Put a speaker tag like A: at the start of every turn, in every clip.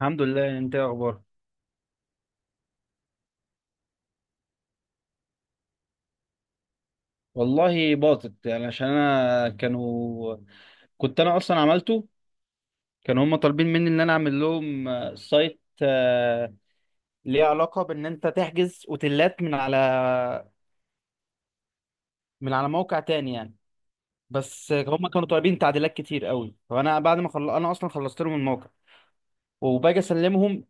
A: الحمد لله. انت ايه اخبارك؟ والله باطت يعني عشان انا كنت انا اصلا عملته. كانوا هم طالبين مني ان انا اعمل لهم سايت ليه علاقة بان انت تحجز اوتيلات من على موقع تاني يعني. بس هم كانوا طالبين تعديلات كتير قوي فانا بعد ما انا اصلا خلصت لهم الموقع وباجي اسلمهم.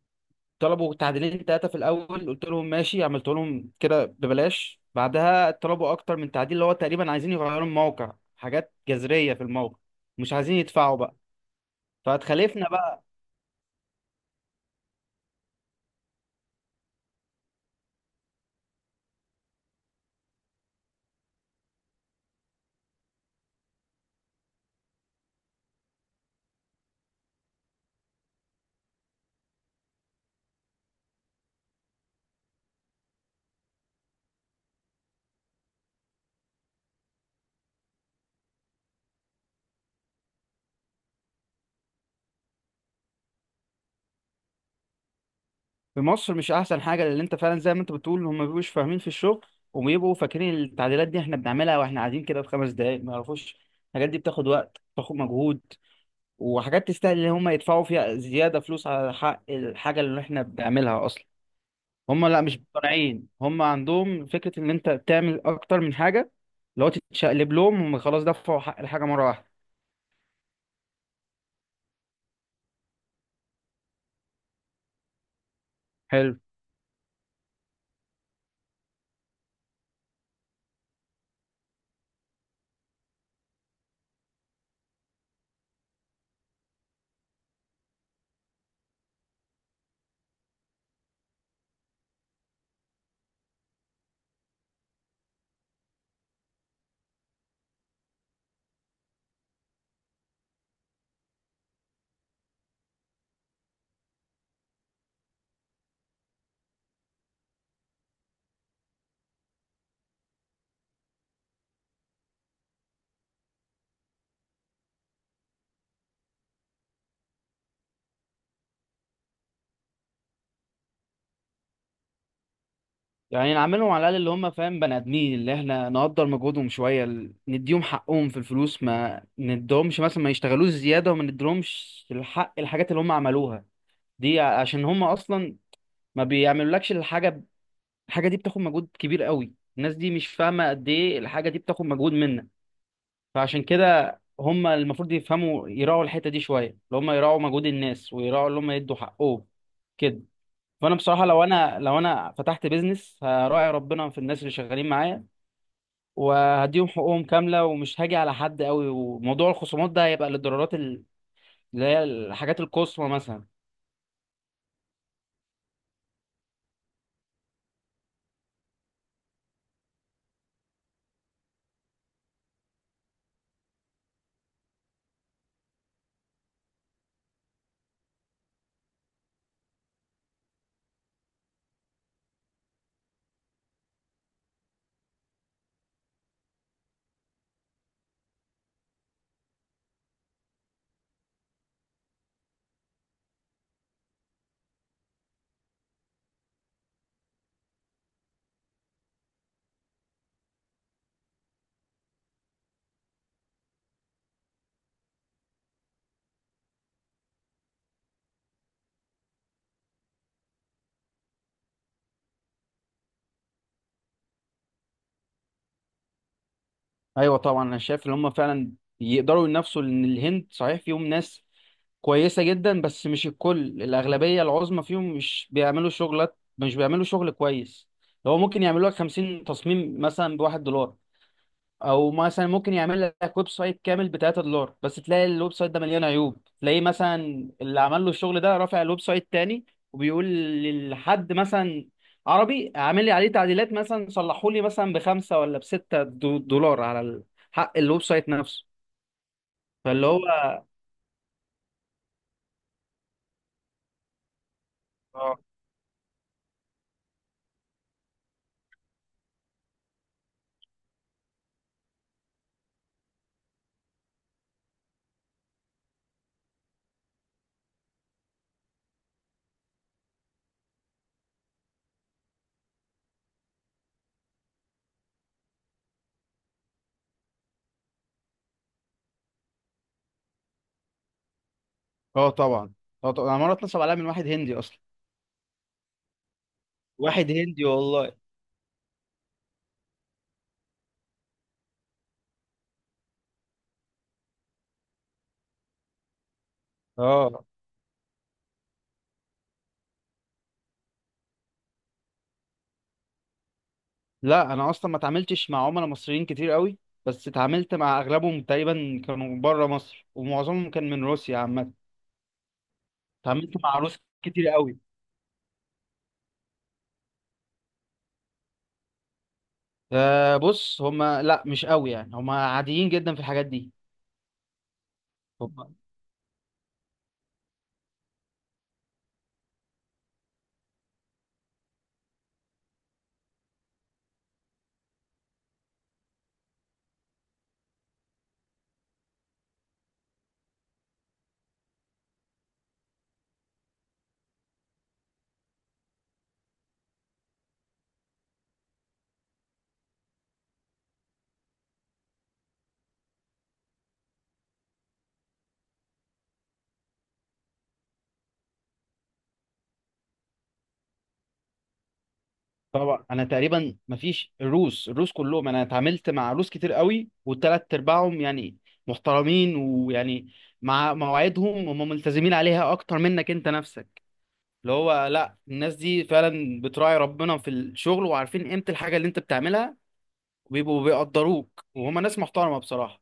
A: طلبوا تعديلين ثلاثة في الأول قلت لهم ماشي، عملت لهم كده ببلاش. بعدها طلبوا أكتر من تعديل اللي هو تقريبا عايزين يغيروا الموقع، حاجات جذرية في الموقع. مش عايزين يدفعوا بقى. فاتخلفنا بقى. في مصر مش أحسن حاجة، لأن أنت فعلا زي ما أنت بتقول هم مبيبقوش فاهمين في الشغل. وبيبقوا فاكرين التعديلات دي إحنا بنعملها وإحنا قاعدين كده في 5 دقايق، ما يعرفوش الحاجات دي بتاخد وقت، بتاخد مجهود، وحاجات تستاهل إن هم يدفعوا فيها زيادة فلوس على حق الحاجة اللي إحنا بنعملها أصلا. هم لا مش مقتنعين، هم عندهم فكرة ان انت تعمل اكتر من حاجة لو تتشقلب لهم هم خلاص دفعوا حق الحاجة مرة واحدة. حلو، يعني نعاملهم على الاقل اللي هم فاهم بني ادمين، اللي احنا نقدر مجهودهم شوية نديهم حقهم في الفلوس، ما ندهمش مثلا ما يشتغلوش زيادة، وما ندهمش الحق الحاجات اللي هم عملوها دي عشان هم اصلا ما بيعملولكش الحاجة. الحاجة دي بتاخد مجهود كبير قوي، الناس دي مش فاهمة قد ايه الحاجة دي بتاخد مجهود منك. فعشان كده هم المفروض يفهموا، يراعوا الحتة دي شوية، اللي هم يراعوا مجهود الناس ويراعوا اللي هم يدوا حقهم كده. فأنا بصراحة لو أنا فتحت بيزنس هراعي ربنا في الناس اللي شغالين معايا، وهديهم حقوقهم كاملة ومش هاجي على حد قوي، وموضوع الخصومات ده هيبقى للضرورات اللي هي الحاجات القصوى مثلا. ايوه طبعا، انا شايف ان هم فعلا يقدروا ينافسوا، لان الهند صحيح فيهم ناس كويسه جدا بس مش الكل، الاغلبيه العظمى فيهم مش بيعملوا شغلات، مش بيعملوا شغل كويس. هو ممكن يعملوا لك 50 تصميم مثلا ب1 دولار، او مثلا ممكن يعمل لك ويب سايت كامل ب 3 دولار، بس تلاقي الويب سايت ده مليان عيوب. تلاقيه مثلا اللي عمل له الشغل ده رافع الويب سايت تاني وبيقول لحد مثلا عربي عامل لي عليه تعديلات مثلا صلحوا لي مثلا ب5 ولا ب6 دولار على حق الويب سايت نفسه. فاللي هو اه، اه طبعا. اه طبعا، انا مره اتنصب عليا من واحد هندي اصلا. واحد هندي والله. اه، لا انا اصلا ما اتعاملتش مع عملاء مصريين كتير قوي. بس اتعاملت مع اغلبهم تقريبا كانوا بره مصر، ومعظمهم كان من روسيا عامه. اتعاملت مع روس كتير قوي، فبص هما لا مش قوي يعني، هما عاديين جدا في الحاجات دي. هما طبعا، انا تقريبا ما فيش الروس كلهم، انا اتعاملت مع روس كتير قوي والتلات ارباعهم يعني محترمين ويعني مع مواعيدهم هم ملتزمين عليها اكتر منك انت نفسك. اللي هو لا، الناس دي فعلا بتراعي ربنا في الشغل، وعارفين قيمة الحاجة اللي انت بتعملها، وبيبقوا بيقدروك، وهما ناس محترمة بصراحة.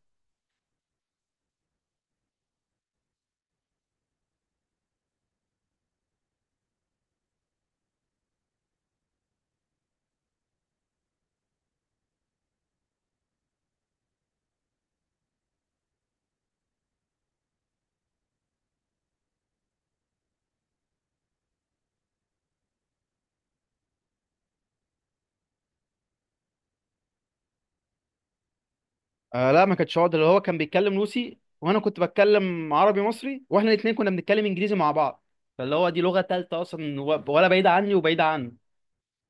A: آه لا، ما كانتش عقدة. اللي هو كان بيتكلم روسي وانا كنت بتكلم عربي مصري، واحنا الاتنين كنا بنتكلم انجليزي مع بعض. فاللي هو دي لغة تالتة اصلا ولا بعيدة عني وبعيدة عنه.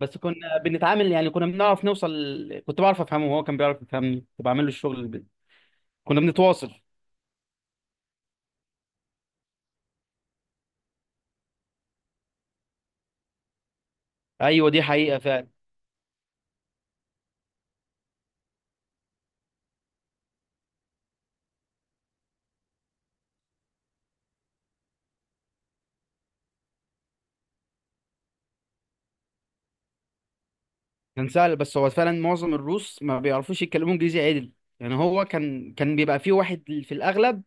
A: بس كنا بنتعامل يعني، كنا بنعرف نوصل. كنت بعرف افهمه وهو كان بيعرف يفهمني، كنت بعمل له الشغل كنا بنتواصل. ايوه دي حقيقة فعلا. كان سهل، بس هو فعلا معظم الروس ما بيعرفوش يتكلموا انجليزي عدل. يعني هو كان بيبقى فيه واحد في الاغلب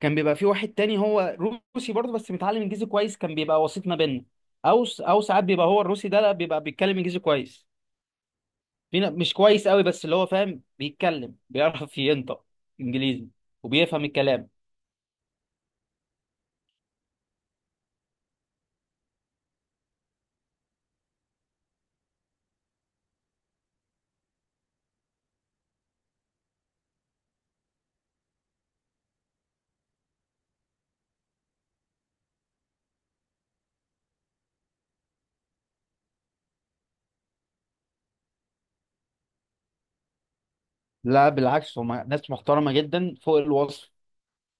A: كان بيبقى فيه واحد تاني هو روسي برضه بس متعلم انجليزي كويس، كان بيبقى وسيط ما بيننا. او ساعات بيبقى هو الروسي ده لا، بيبقى بيتكلم انجليزي كويس. فينا مش كويس قوي، بس اللي هو فاهم بيتكلم، بيعرف ينطق انجليزي وبيفهم الكلام. لا بالعكس، هم ناس محترمة جدا فوق الوصف،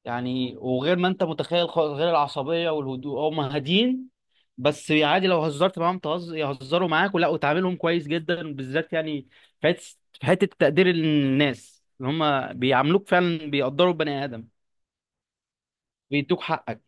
A: يعني وغير ما انت متخيل خالص. غير العصبيه، والهدوء هم هاديين. بس عادي لو هزرت معاهم يهزروا معاك، ولا وتعاملهم كويس جدا بالذات، يعني في حته في حتة تقدير الناس ان هم بيعاملوك فعلا، بيقدروا البني ادم، بيدوك حقك.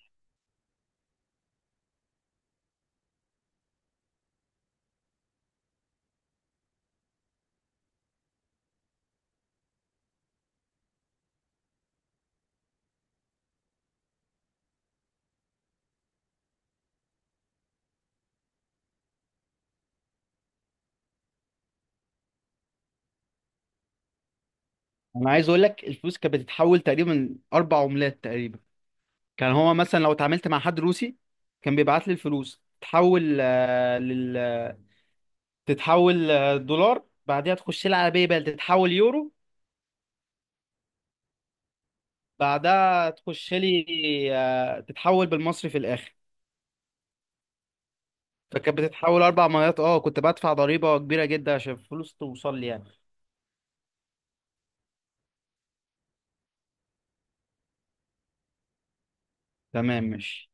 A: انا عايز اقول لك الفلوس كانت بتتحول تقريبا 4 عملات تقريبا. كان هو مثلا لو اتعاملت مع حد روسي، كان بيبعت لي الفلوس تتحول آه، لل تتحول آه، دولار. بعدها تخش لها على باي بال، تتحول يورو. بعدها تخش لي تتحول بالمصري في الاخر. فكانت بتتحول 4 مرات. اه كنت بدفع ضريبه كبيره جدا عشان الفلوس توصل لي يعني. تمام ماشي.